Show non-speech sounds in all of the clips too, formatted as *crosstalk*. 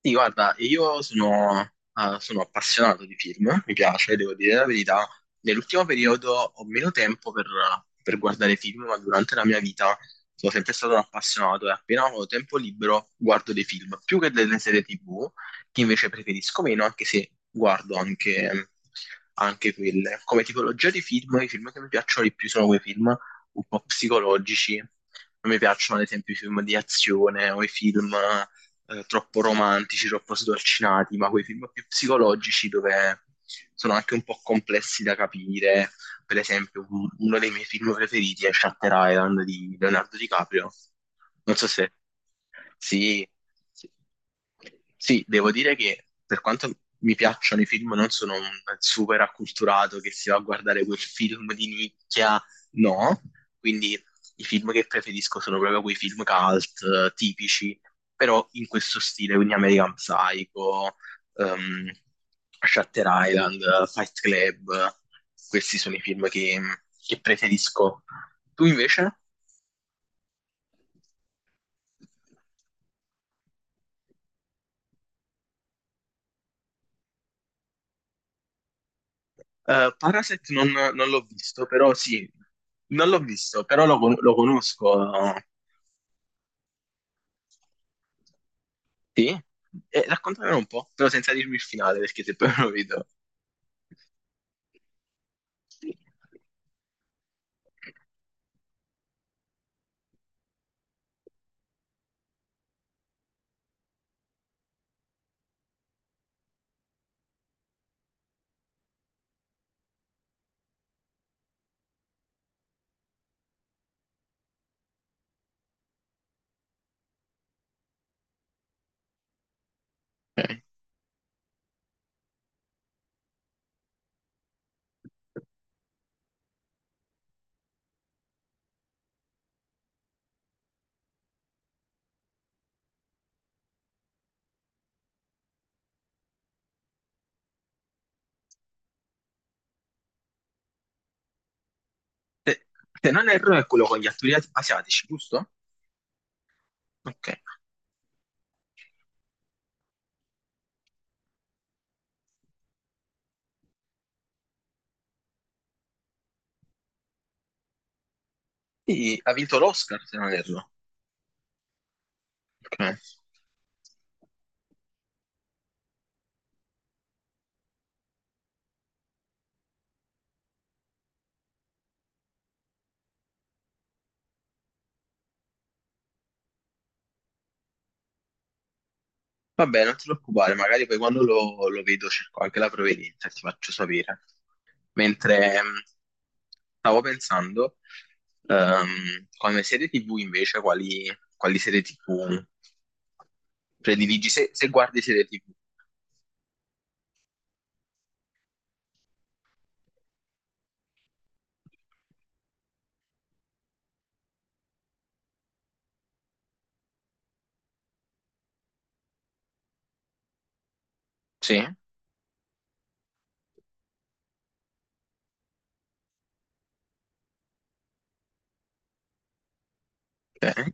Sì, guarda, io sono appassionato di film, mi piace, devo dire la verità. Nell'ultimo periodo ho meno tempo per guardare film, ma durante la mia vita sono sempre stato un appassionato e appena ho tempo libero guardo dei film, più che delle serie TV, che invece preferisco meno, anche se guardo anche quelle. Come tipologia di film, i film che mi piacciono di più sono quei film un po' psicologici. Non mi piacciono ad esempio i film di azione o i film troppo romantici, troppo sdolcinati, ma quei film più psicologici dove sono anche un po' complessi da capire. Per esempio, uno dei miei film preferiti è Shutter Island di Leonardo DiCaprio. Non so se... Sì, sì, sì, devo dire che per quanto mi piacciono i film, non sono un super acculturato che si va a guardare quel film di nicchia. No, quindi i film che preferisco sono proprio quei film cult tipici, però in questo stile, quindi American Psycho, ehm, Shutter Island, Fight Club, questi sono i film che preferisco. Tu invece? Parasite non l'ho visto, però sì, non l'ho visto, però lo conosco. Sì? Raccontamelo un po', però senza dirmi il finale, perché se poi non lo vedo... Sì. Se, se non erro è quello con gli attori asiatici, giusto? Ok. Sì, ha vinto l'Oscar, se non erro. Ok. Vabbè, non ti preoccupare, magari poi quando lo vedo cerco anche la provenienza, ti faccio sapere. Mentre stavo pensando, come serie TV invece, quali serie TV prediligi, se guardi serie TV. Sì, ok.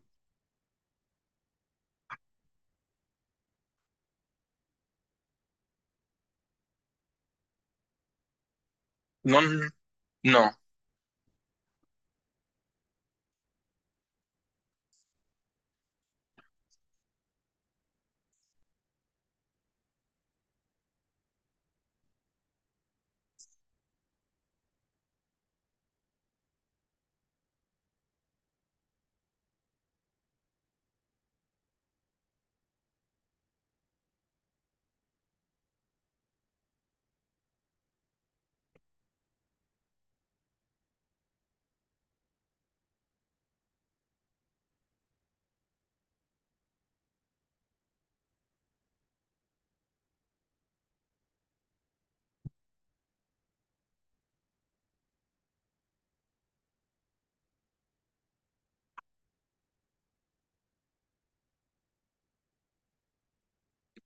Non... No,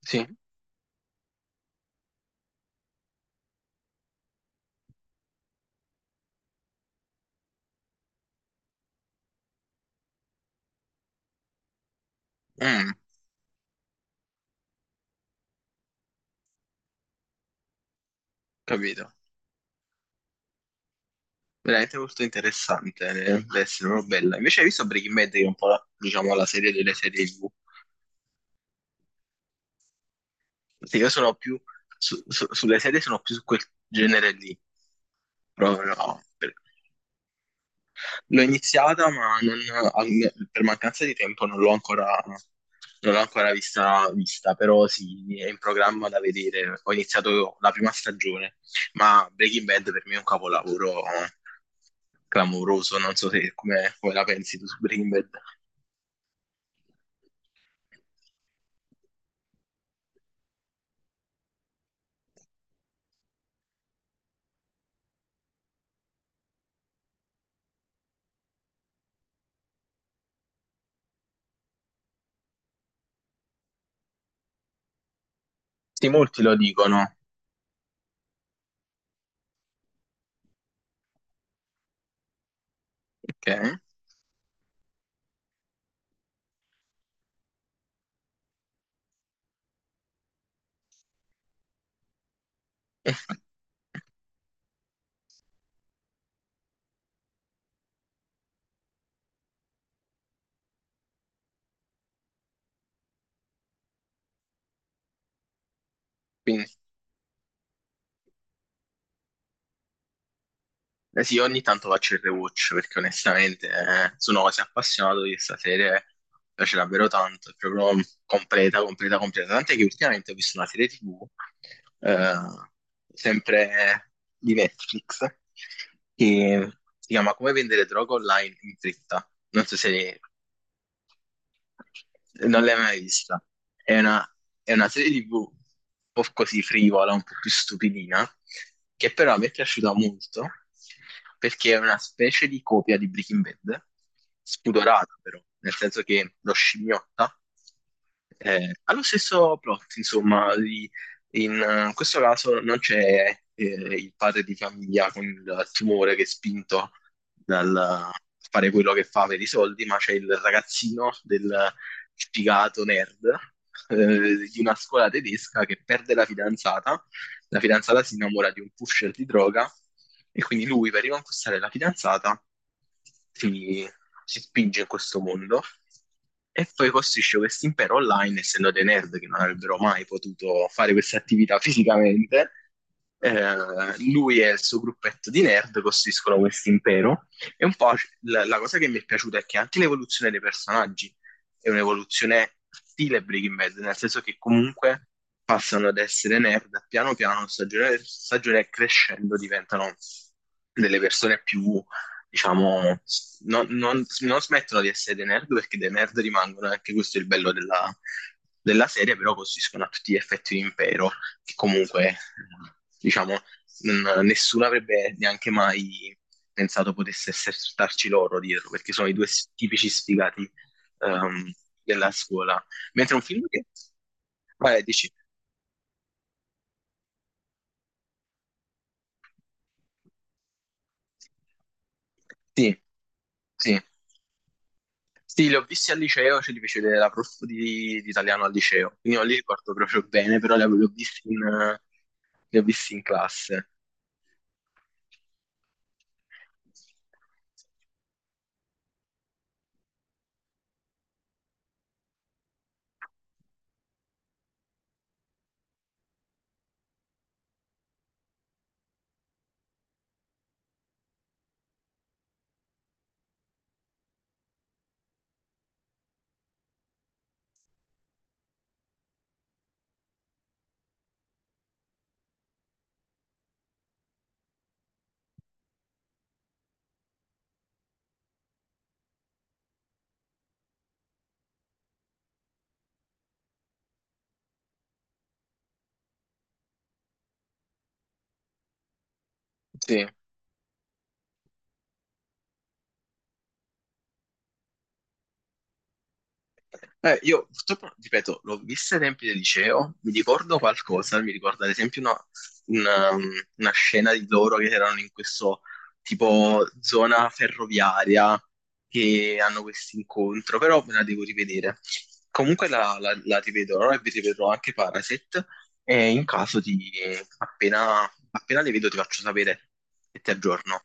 sì. Mm, capito. Veramente molto interessante, deve essere proprio bella. Invece hai visto Breaking Bad, che è un po' la, diciamo, la serie delle serie TV? Perché io sono più... sulle serie sono più su quel genere lì. Proprio, no. L'ho iniziata, ma per mancanza di tempo non l'ho ancora vista, però sì, è in programma da vedere. Ho iniziato la prima stagione, ma Breaking Bad per me è un capolavoro clamoroso. Non so se come la pensi tu su Breaking Bad. Sì, molti lo dicono. Ok. *laughs* Quindi, eh sì, ogni tanto faccio il rewatch perché onestamente sono quasi appassionato di questa serie, mi piace davvero tanto, è proprio completa, completa, completa. Tant'è che ultimamente ho visto una serie TV, eh, sempre di Netflix, che si chiama Come vendere droga online in fretta. Non so se non l'hai mai vista. È una, è una serie TV un po' così frivola, un po' più stupidina, che però mi è piaciuta molto perché è una specie di copia di Breaking Bad, spudorata però, nel senso che lo scimmiotta. Ha lo stesso plot, insomma, di in questo caso non c'è il padre di famiglia con il tumore che è spinto dal fare quello che fa per i soldi, ma c'è il ragazzino del sfigato nerd di una scuola tedesca che perde la fidanzata. La fidanzata si innamora di un pusher di droga e quindi lui per riconquistare la fidanzata si, si spinge in questo mondo e poi costruisce questo impero online, essendo dei nerd che non avrebbero mai potuto fare questa attività fisicamente. eh, lui e il suo gruppetto di nerd costruiscono questo impero. E un po' la cosa che mi è piaciuta è che anche l'evoluzione dei personaggi, è un'evoluzione stile Breaking Bad, nel senso che comunque passano ad essere nerd, piano piano, stagione, per stagione crescendo, diventano delle persone più, diciamo, non smettono di essere dei nerd perché dei nerd rimangono, e anche questo è il bello della serie, però costituiscono a tutti gli effetti un impero, che comunque, diciamo, nessuno avrebbe neanche mai pensato potesse esserci loro dietro, perché sono i due tipici sfigati ehm, della scuola. Mentre un film che... Vai, dici. Sì, sì. Sì, li ho visti al liceo, ce li fece vedere la prof di italiano al liceo. Quindi non li ricordo proprio bene, però li ho visti in classe. Sì. Io purtroppo, ripeto, l'ho vista ai tempi del liceo, mi ricordo qualcosa, mi ricordo ad esempio una- una scena di loro che erano in questo tipo zona ferroviaria che hanno questo incontro, però me la devo rivedere. Comunque la rivedrò e vi rivedrò anche Paraset e in caso appena, appena le vedo ti faccio sapere e ti aggiorno.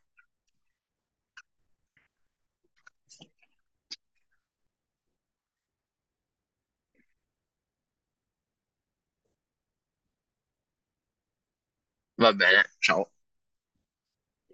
Va bene, ciao.